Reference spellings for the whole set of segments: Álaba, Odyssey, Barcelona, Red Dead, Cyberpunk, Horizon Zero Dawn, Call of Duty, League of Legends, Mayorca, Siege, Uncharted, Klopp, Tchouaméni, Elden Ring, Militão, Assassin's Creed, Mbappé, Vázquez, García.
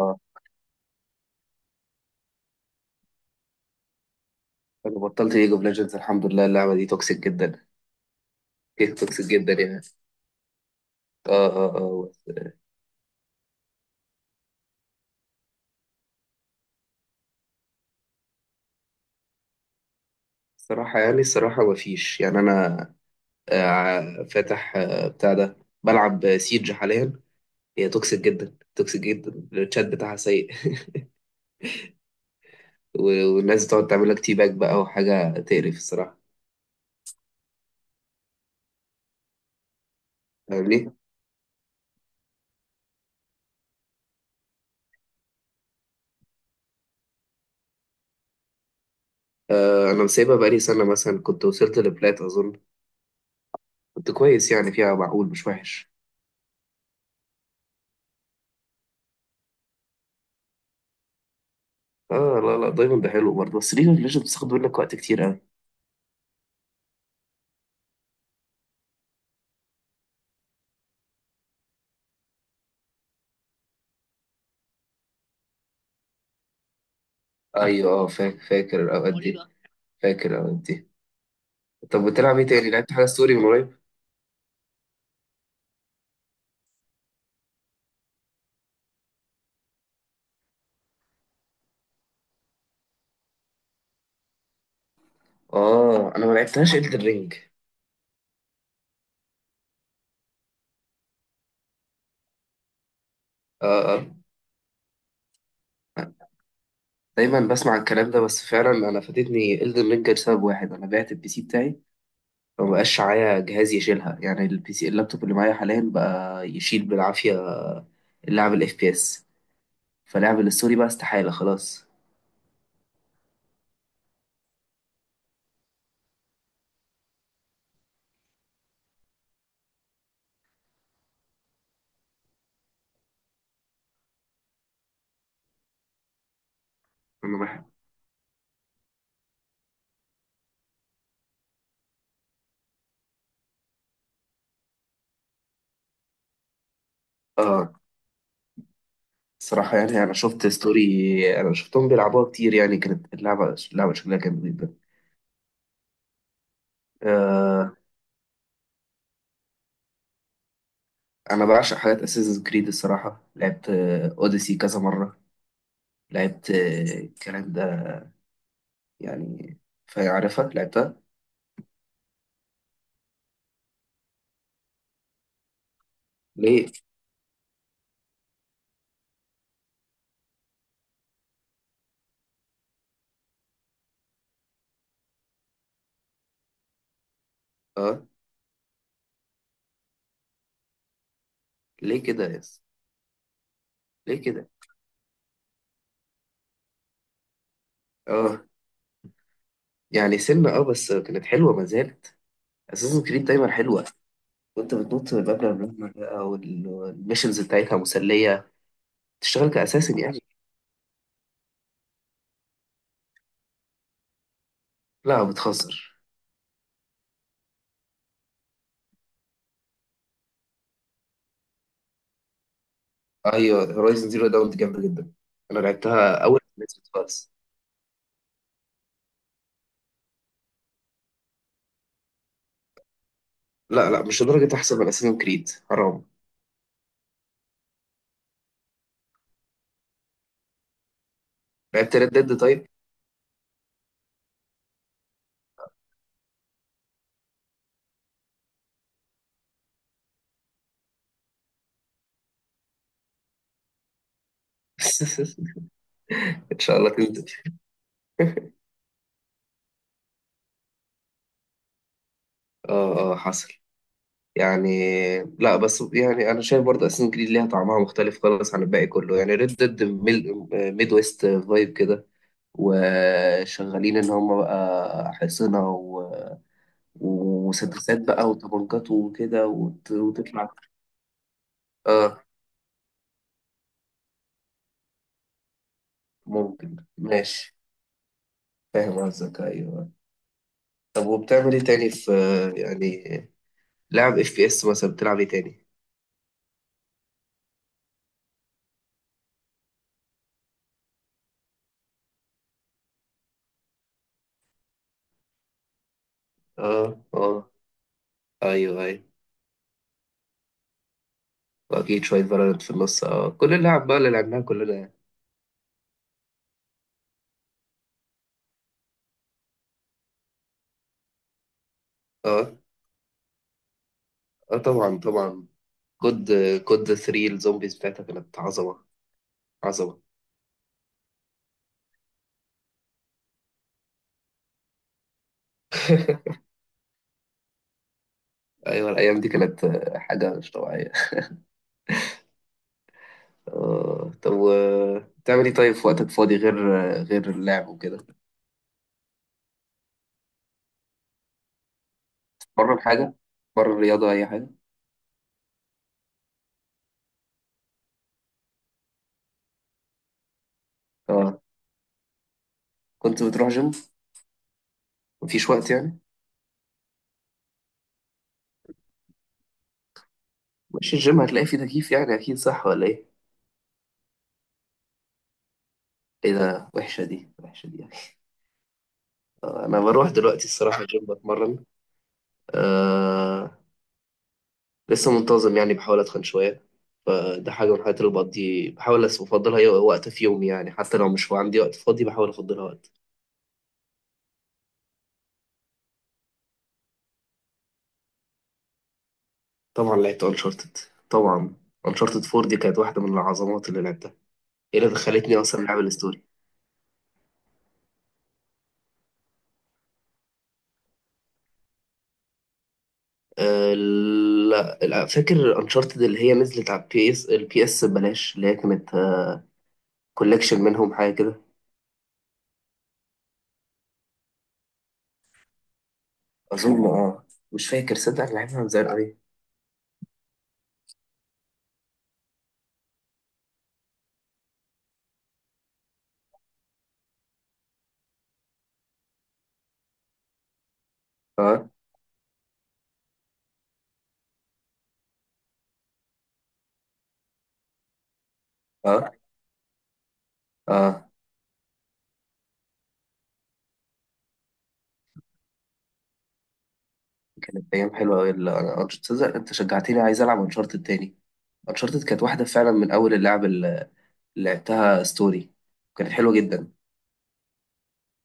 اه، انا بطلت ليج اوف ليجندز. الحمد لله، اللعبه دي توكسيك جدا. جيم توكسيك جدا يعني. اه اه اه بس- الصراحه يعني الصراحه، ما فيش يعني. انا فاتح بتاع ده، بلعب سيج حاليا. هي توكسيك جدا توكسيك جدا، الشات بتاعها سيء. والناس بتقعد تعمل لك تي باك بقى وحاجه تقرف الصراحه. فاهمني. آه، انا مسيبها بقالي سنه. مثلا كنت وصلت لبلات اظن. كنت كويس يعني، فيها معقول مش وحش. اه، لا لا، دايما ده حلو برضه، بس ليج اوف ليجندز بتاخد منك وقت كتير. ايوه، فاكر فاكر الاوقات دي مريضة. فاكر الاوقات دي. طب بتلعب ايه تاني؟ لعبت حاجه ستوري من قريب؟ اه، انا ما لعبتهاش إلدن رينج. اه اه، دايما بسمع الكلام ده، بس فعلا انا فاتتني إلدن رينج لسبب واحد. انا بعت البي سي بتاعي، فما بقاش معايا جهاز يشيلها يعني. البي سي اللابتوب اللي معايا حاليا بقى يشيل بالعافيه لعب الاف بي اس. فلعب الستوري بقى استحاله خلاص. انا بح- اه، صراحة يعني، أنا شفت ستوري، أنا شفتهم بيلعبوها كتير يعني. كانت اللعبة شكلها كان جدا. آه، انا بعشق حاجات اساسن كريد الصراحه. لعبت اوديسي كذا مره. لعبت الكلام ده يعني، فعارفها لعبتها. ليه؟ اه، ليه كده يس؟ ليه كده؟ اه، يعني سنة، بس كانت حلوه ما زالت. اساسن كريد دايما حلوه. وانت بتنط من مبنى لمبنى بقى والميشنز بتاعتها مسليه. تشتغل كاساسن يعني. لا، بتهزر. ايوه، هورايزن زيرو داون دي جامده جدا، انا لعبتها اول ما نزلت خالص. لا لا، مش لدرجه احسن من اساسن كريد، حرام. لعبت ريد ديد طيب. ان شاء الله تنزل. اه اه، حصل يعني. لا، بس يعني انا شايف برضه اساسن جريد ليها طعمها مختلف خالص عن الباقي كله يعني. ريد ديد، ميد ويست فايب كده، وشغالين ان هم بقى حصنة ومسدسات بقى وطبنجات وكده وتطلع. اه ممكن، ماشي. فاهم قصدك، ايوه. طب وبتعمل ايه تاني في يعني؟ لعب اف بي اس مثلا؟ بتلعب ايه تاني؟ اه اه، ايوه ايوه. واكيد شويه فالورانت في النص، كل اللعب بقى اللي لعبناها كلنا يعني. اه اه، طبعا طبعا. كود كود 3 الزومبيز بتاعتها كانت عظمه عظمه. ايوه الايام دي كانت حاجه مش طبيعيه. طب بتعمل ايه طيب في وقتك فاضي غير غير اللعب وكده؟ بره حاجه، بره الرياضه اي حاجه. اه، كنت بتروح جيم مفيش وقت يعني؟ مش الجيم هتلاقي فيه تكييف يعني؟ اكيد صح ولا ايه؟ ايه ده؟ وحشه دي، وحشه دي يعني. انا بروح دلوقتي الصراحه الجيم بتمرن. آه، لسه منتظم يعني، بحاول أتخن شوية. فده حاجة من الحاجات اللي بقضي، بحاول أفضلها وقت في يومي يعني، حتى لو مش عندي وقت فاضي بحاول أفضلها وقت. طبعا لعبت أنشارتد، طبعا. أنشارتد 4 دي كانت واحدة من العظمات اللي لعبتها، إيه اللي دخلتني أصلا لعب الستوري. أه لا لا، فاكر أنشارتد اللي هي نزلت على البي اس ببلاش، اللي هي كانت كولكشن منهم حاجة كده. أظن أه، مش فاكر صدق، أنا لعبها من زمان أوي. أه أه أه، كانت ايام حلوه قوي. تصدق انت شجعتني، عايز العب انشارتد تاني. انشارتد كانت واحده فعلا من اول اللعب اللي لعبتها ستوري، كانت حلوه جدا.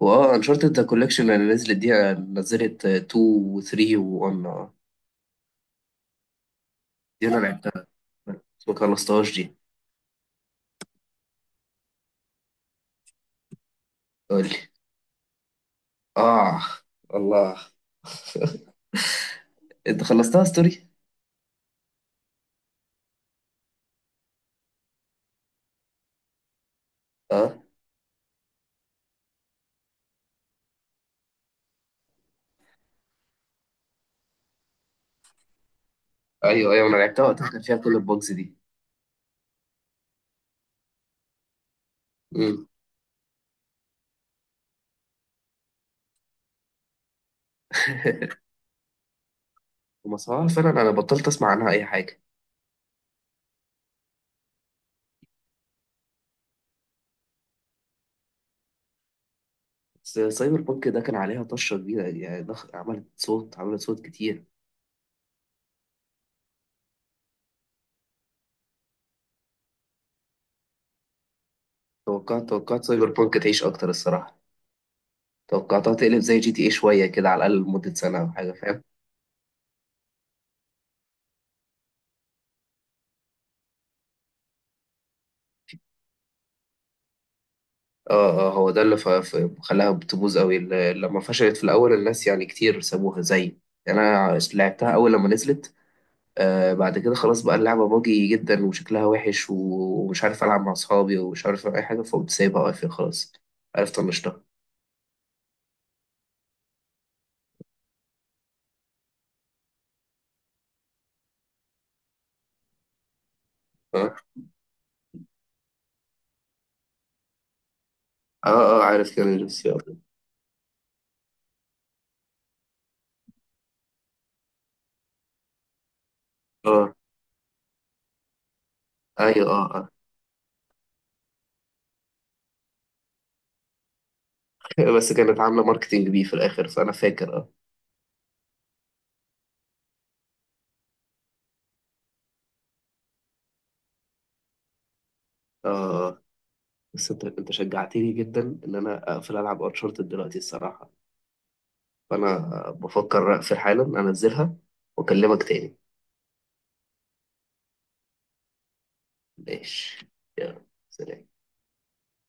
واه انشارتد ذا كوليكشن اللي نزلت دي، نزلت 2 و3 و1. دي انا لعبتها بس ما خلصتهاش دي. قولي. اه، الله، انت خلصتها ستوري؟ اه ايوه ايوه، انا لعبتها وقتها كان فيها كل البوكس دي. مم. ومصراعة فعلا، انا بطلت اسمع عنها اي حاجه. بس سايبر بانك ده كان عليها طشة كبيرة يعني، عملت صوت عملت صوت كتير. توقعت توقعت سايبر بانك تعيش أكتر الصراحة، توقعتها تقلب زي جي تي ايه شوية كده على الأقل لمدة سنة أو حاجة، فاهم؟ اه اه، هو ده اللي خلاها بتبوظ قوي، لما فشلت في الأول، الناس يعني كتير سابوها زي يعني. أنا لعبتها أول لما نزلت، بعد كده خلاص بقى اللعبة باجي جدا وشكلها وحش ومش عارف ألعب مع أصحابي ومش عارف أي حاجة، فقمت سايبها واقفة خلاص، عرفت طنشتها. اه اه، عارف كان. اه ايوه اه اه. بس كانت عامله ماركتينج بيه في الاخر فانا فاكر، اه اه، آه. بس انت شجعتني جدا ان انا اقفل العب انشارتد دلوقتي الصراحه، فانا بفكر اقفل حالا انزلها، واكلمك تاني. ماشي، يلا سلام.